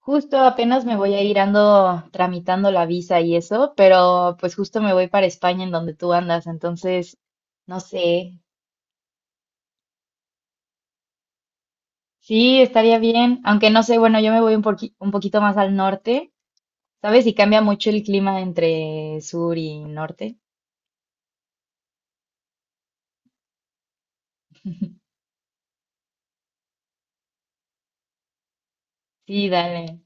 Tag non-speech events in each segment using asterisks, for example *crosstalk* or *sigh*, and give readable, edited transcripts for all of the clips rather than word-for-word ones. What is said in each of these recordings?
Justo apenas me voy a ir, ando tramitando la visa y eso, pero pues justo me voy para España en donde tú andas, entonces no sé. Sí, estaría bien, aunque no sé, bueno, yo me voy un un poquito más al norte, ¿sabes? Y cambia mucho el clima entre sur y norte. Sí, dale.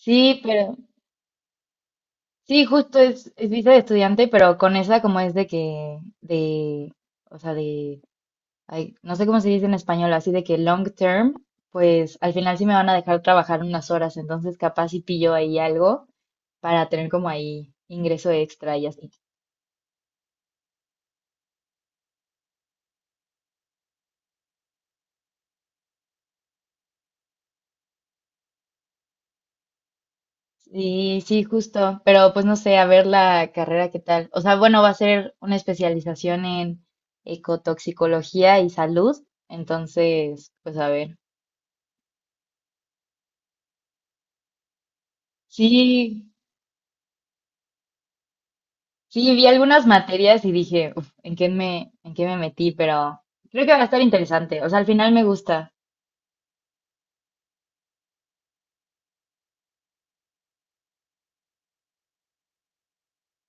Sí, pero sí, justo es visa de estudiante, pero con esa como es de que, de, o sea, de ay, no sé cómo se dice en español, así de que long term, pues al final sí me van a dejar trabajar unas horas, entonces capaz si pillo ahí algo para tener como ahí ingreso extra y así. Sí, sí, justo, pero pues no sé, a ver la carrera qué tal. O sea, bueno, va a ser una especialización en ecotoxicología y salud, entonces, pues a ver. Sí, sí, vi algunas materias y dije, "Uf, ¿en qué me metí?" Pero creo que va a estar interesante. O sea, al final me gusta.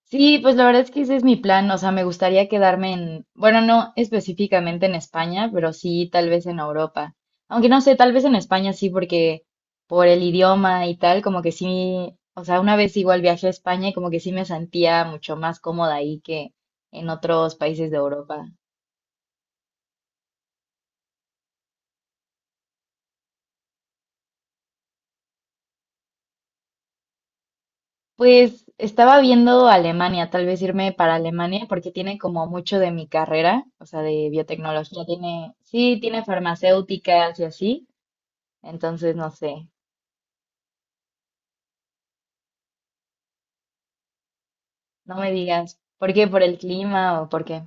Sí, pues la verdad es que ese es mi plan, o sea, me gustaría quedarme en, bueno, no específicamente en España, pero sí tal vez en Europa. Aunque no sé, tal vez en España sí, porque por el idioma y tal, como que sí, o sea, una vez igual viajé a España y como que sí me sentía mucho más cómoda ahí que en otros países de Europa. Pues estaba viendo Alemania, tal vez irme para Alemania porque tiene como mucho de mi carrera, o sea, de biotecnología, tiene, sí, tiene farmacéuticas y así, entonces no sé. No me digas, ¿por qué? ¿Por el clima o por qué?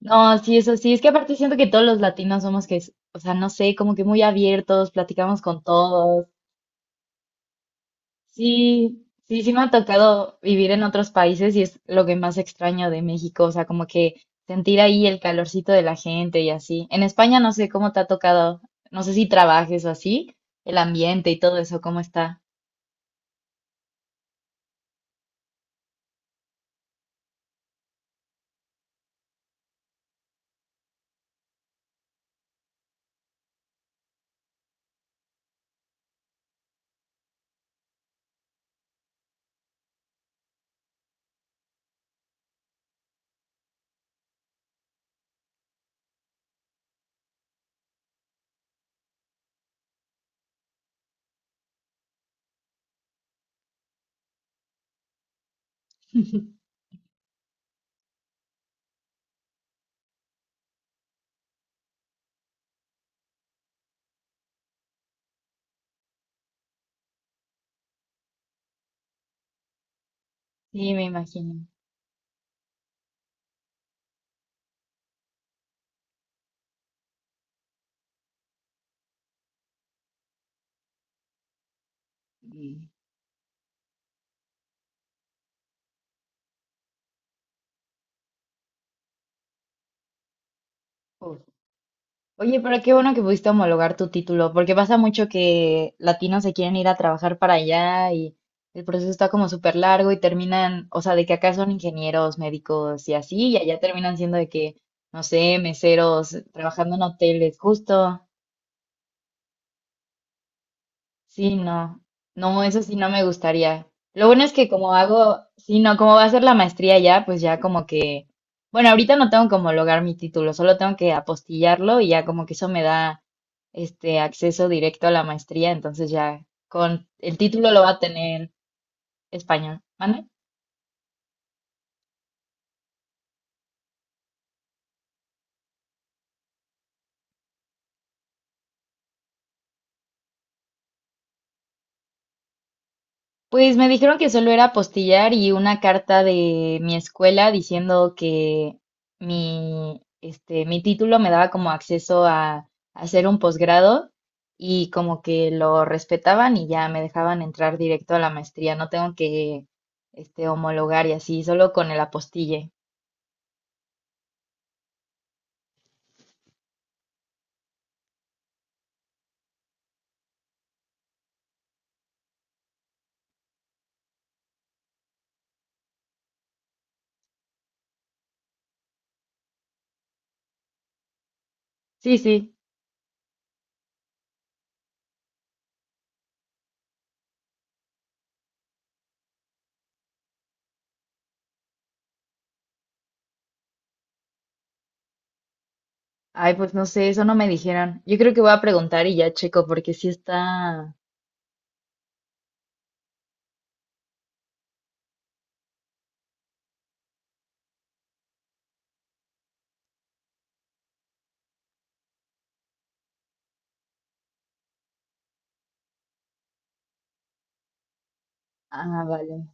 No, sí, eso sí, es que aparte siento que todos los latinos somos que, no sé, como que muy abiertos, platicamos con todos. Sí, sí, sí me ha tocado vivir en otros países y es lo que más extraño de México, o sea, como que sentir ahí el calorcito de la gente y así. En España no sé cómo te ha tocado, no sé si trabajes o así, el ambiente y todo eso, ¿cómo está? *laughs* Sí, me imagino. Mm. Oye, pero qué bueno que pudiste homologar tu título, porque pasa mucho que latinos se quieren ir a trabajar para allá y el proceso está como súper largo y terminan, o sea, de que acá son ingenieros, médicos y así, y allá terminan siendo de que, no sé, meseros, trabajando en hoteles, justo. Sí, no, no, eso sí no me gustaría. Lo bueno es que como hago, sí, no, como va a ser la maestría ya, pues ya como que, bueno, ahorita no tengo como lograr mi título, solo tengo que apostillarlo y ya como que eso me da este acceso directo a la maestría, entonces ya con el título lo va a tener español. ¿Mande? Pues me dijeron que solo era apostillar y una carta de mi escuela diciendo que mi, este, mi título me daba como acceso a hacer un posgrado y como que lo respetaban y ya me dejaban entrar directo a la maestría. No tengo que, este, homologar y así, solo con el apostille. Sí, sí. Ay, pues no sé, eso no me dijeron. Yo creo que voy a preguntar y ya checo porque sí está... Ah, vale.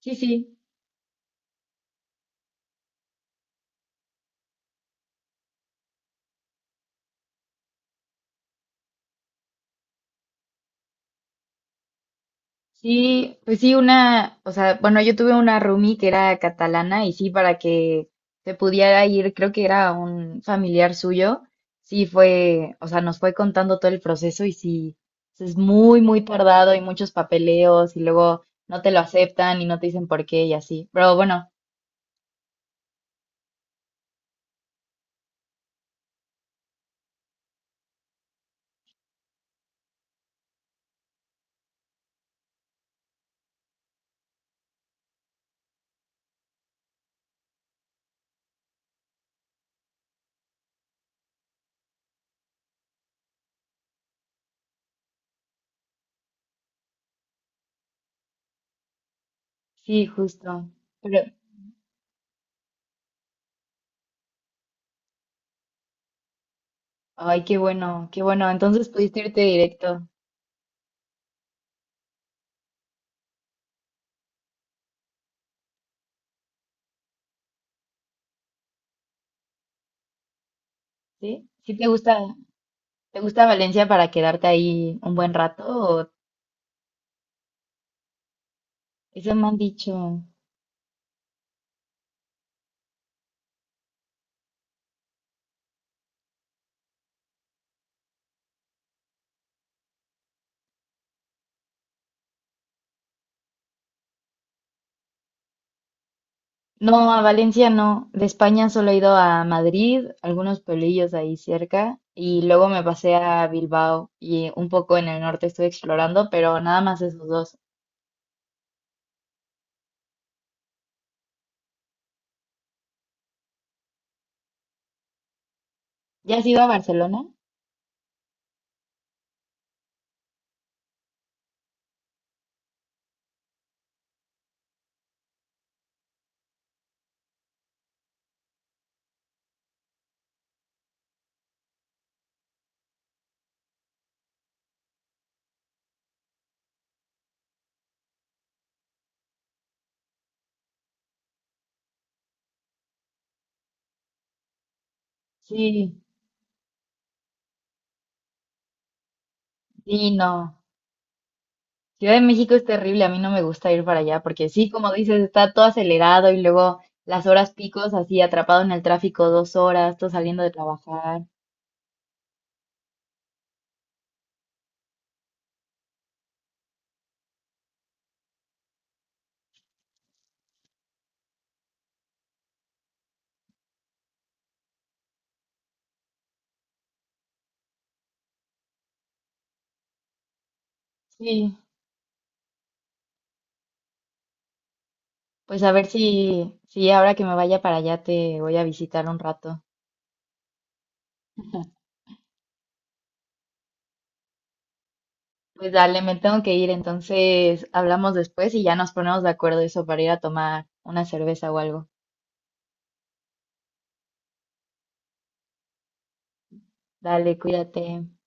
Sí, sí. Sí, pues sí, una, o sea, bueno, yo tuve una roomie que era catalana y sí, para que se pudiera ir, creo que era un familiar suyo, sí fue, o sea, nos fue contando todo el proceso y sí, es muy tardado y muchos papeleos y luego no te lo aceptan y no te dicen por qué y así. Pero bueno, sí, justo. Pero, ay, qué bueno, qué bueno. Entonces pudiste irte directo, ¿sí? ¿Sí te gusta Valencia para quedarte ahí un buen rato o eso me han dicho? No, a Valencia no. De España solo he ido a Madrid, algunos pueblillos ahí cerca, y luego me pasé a Bilbao y un poco en el norte estuve explorando, pero nada más esos dos. ¿Ya has ido a Barcelona? Sí, sí, no. Ciudad de México es terrible, a mí no me gusta ir para allá porque sí, como dices, está todo acelerado y luego las horas picos así atrapado en el tráfico 2 horas, tú saliendo de trabajar. Sí, pues a ver si, si ahora que me vaya para allá te voy a visitar un rato. *laughs* Pues dale, me tengo que ir, entonces hablamos después y ya nos ponemos de acuerdo eso para ir a tomar una cerveza o algo. Dale, cuídate.